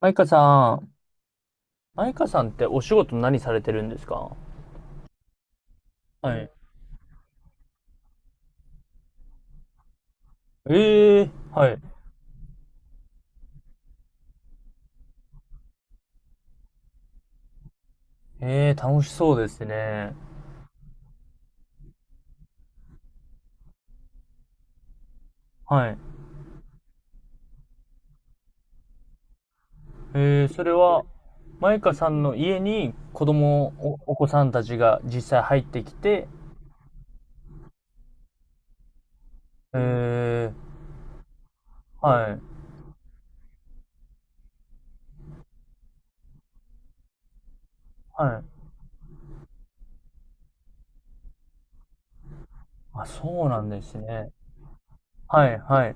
マイカさん、マイカさんってお仕事何されてるんですか？はい。ええ、はい。ええ、楽しそうですね。はい。ええ、それは、マイカさんの家に子供、お、お子さんたちが実際入ってきて、ええ、はい、はい。あ、そうなんですね。はい、はい、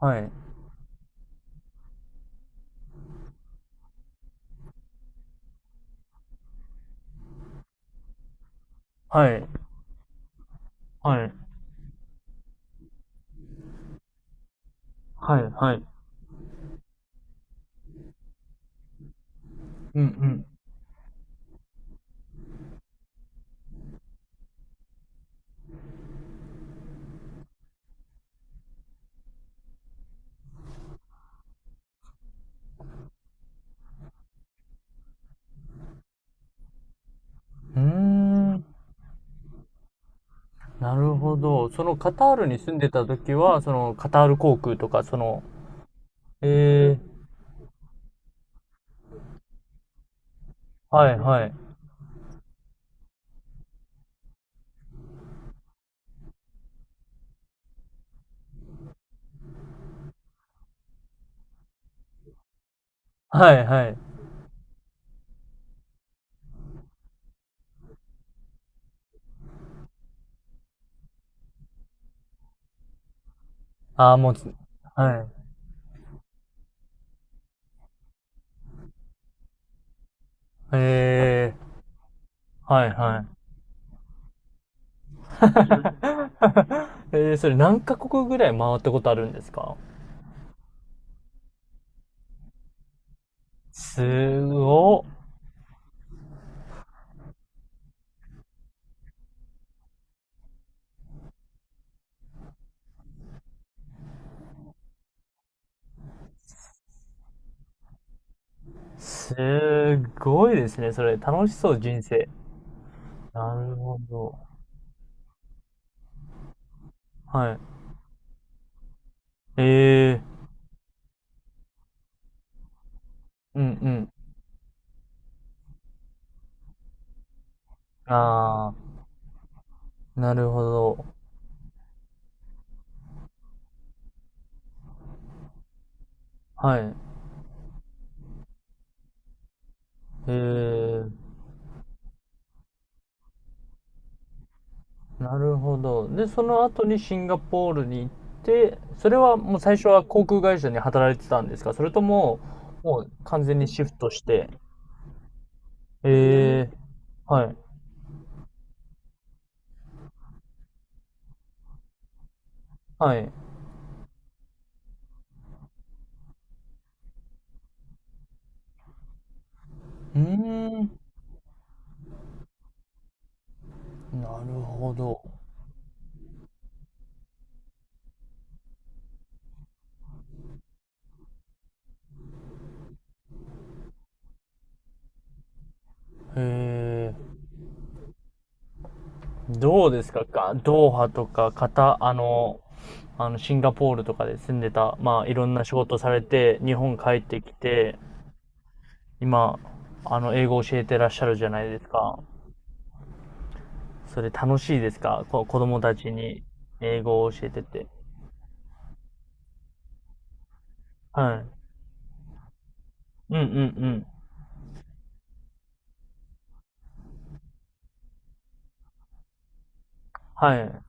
はい、はい、はい、はい、はい。うん、うん。うーん、なるほど。そのカタールに住んでた時は、そのカタール航空とか、その、ええ、はい、はい。はい、はい。ああ、もうつ、はい。へえ、はい、はい。それ何カ国ぐらい回ったことあるんですか？すご、すごいですね。それ楽しそう、人生。なるほど。はい。ええ、うん、うん。ああ、なるほど。はい。ええ。なるほど。で、その後にシンガポールに行って、それはもう最初は航空会社に働いてたんですか？それとも、もう完全にシフトして。ええ、はい。はい。うーん。なるほど。へえ。どうですか、ドーハとか、あの、シンガポールとかで住んでた、まあ、いろんな仕事されて、日本帰ってきて、今、あの、英語教えてらっしゃるじゃないですか。それ楽しいですか？子供たちに英語を教えてて。はい。うん、うん、うん。はい。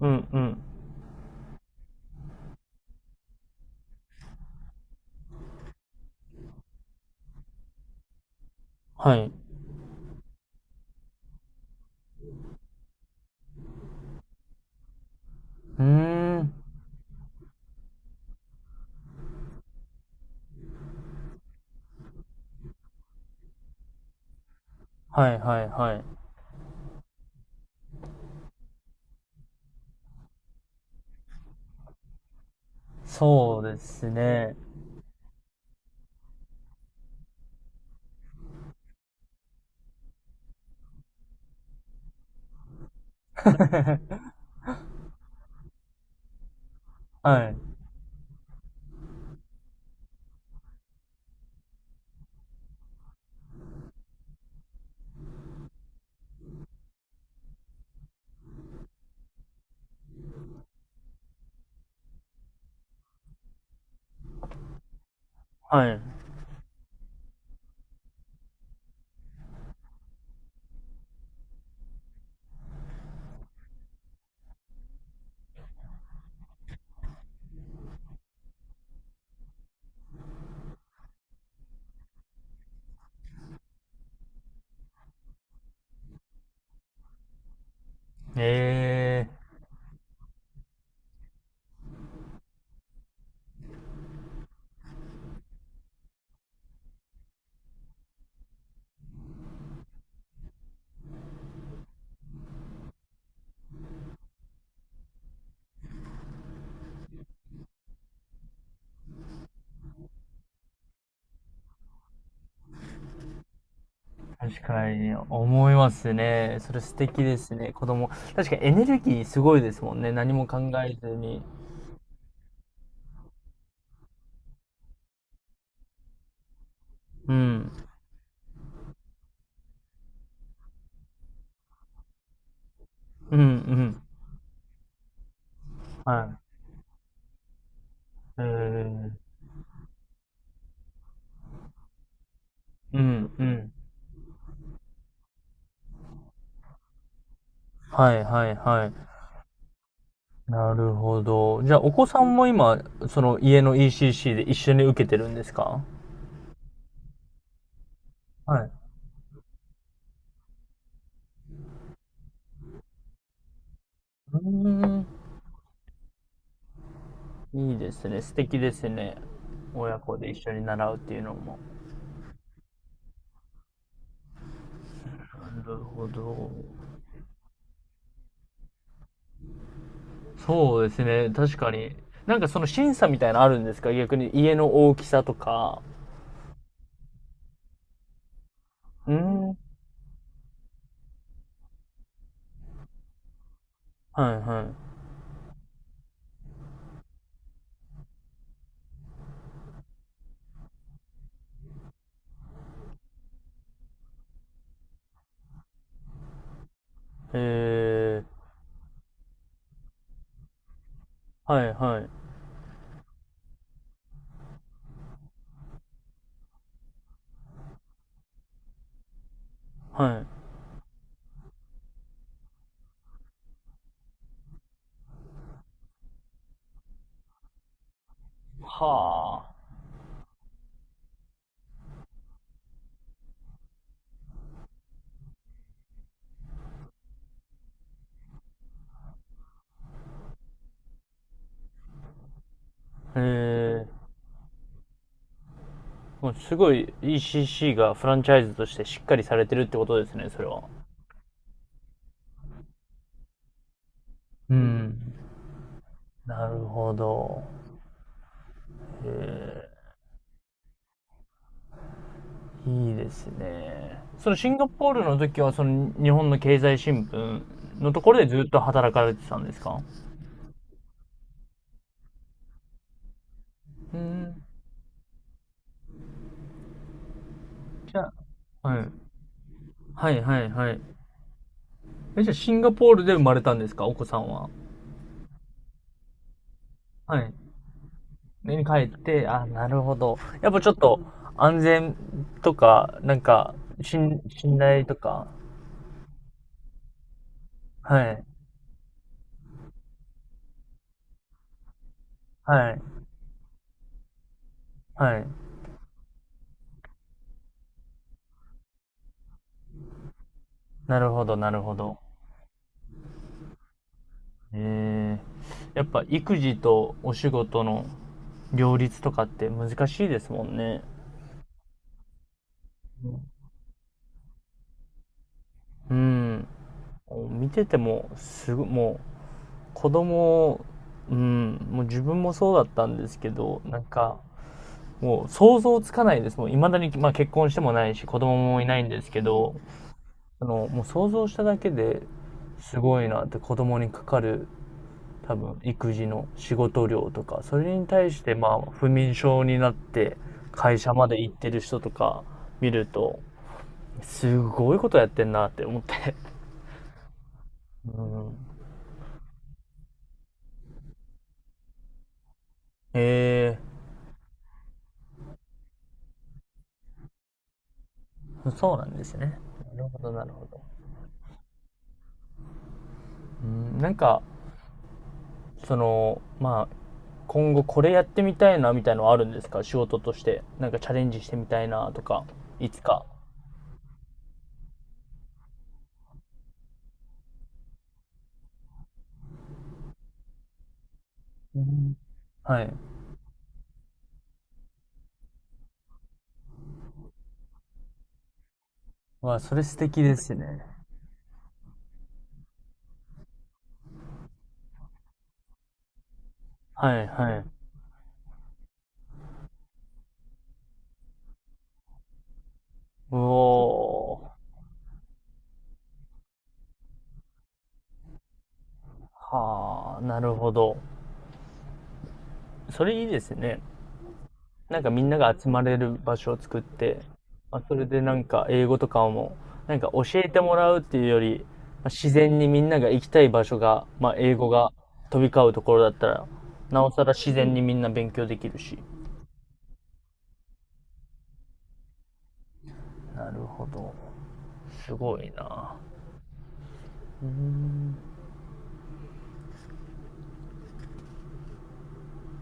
うん、うん。はい。うーん。はい、はい、はい。そうですね。はい。はい。ええー。確かに思いますね。それ素敵ですね、子供。確かにエネルギーすごいですもんね。何も考えずに。うん。うん、うん。はい。うん、うん。はい、はい、はい。なるほど。じゃあ、お子さんも今、その家の ECC で一緒に受けてるんですか？はい。うーん、いいですね。素敵ですね。親子で一緒に習うっていうのも。なるほど。そうですね。確かに。なんかその審査みたいなのあるんですか？逆に家の大きさとか。うーん。はい、はい。へえー、はい、はい。はい。はあ。へえー、もうすごい ECC がフランチャイズとしてしっかりされてるってことですね、それは。うん。なるほど。えいいですね。そのシンガポールの時は、その日本の経済新聞のところでずっと働かれてたんですか？うん。じゃあ、はい。はい、はい、はい。え、じゃあシンガポールで生まれたんですか？お子さんは。はい。家に帰って、あ、なるほど。やっぱちょっと安全とか、なんか、信頼とか。はい。はい。はい。なるほど、なるほど。えやっぱ育児とお仕事の両立とかって難しいですもんね。うん。見てても、すごもう、子供、うん、もう自分もそうだったんですけど、なんか、もう想像つかないです。もう未だに、まあ結婚してもないし、子供もいないんですけど、あの、もう想像しただけですごいなって、子供にかかる多分育児の仕事量とか、それに対してまあ不眠症になって会社まで行ってる人とか見ると、すごいことやってんなって思って。 うん。えそうなんですね。なるほど、なるほど。うん。なんかそのまあ今後これやってみたいなみたいのはあるんですか？仕事としてなんかチャレンジしてみたいなとか、いつか。うん。はい。わあ、それ素敵ですね。はい、はい。うお。はあ、なるほど。それいいですね。なんかみんなが集まれる場所を作って、まあ、それでなんか英語とかも、なんか教えてもらうっていうより、まあ、自然にみんなが行きたい場所が、まあ、英語が飛び交うところだったら、なおさら自然にみんな勉強できるし。なるほど。すごいな。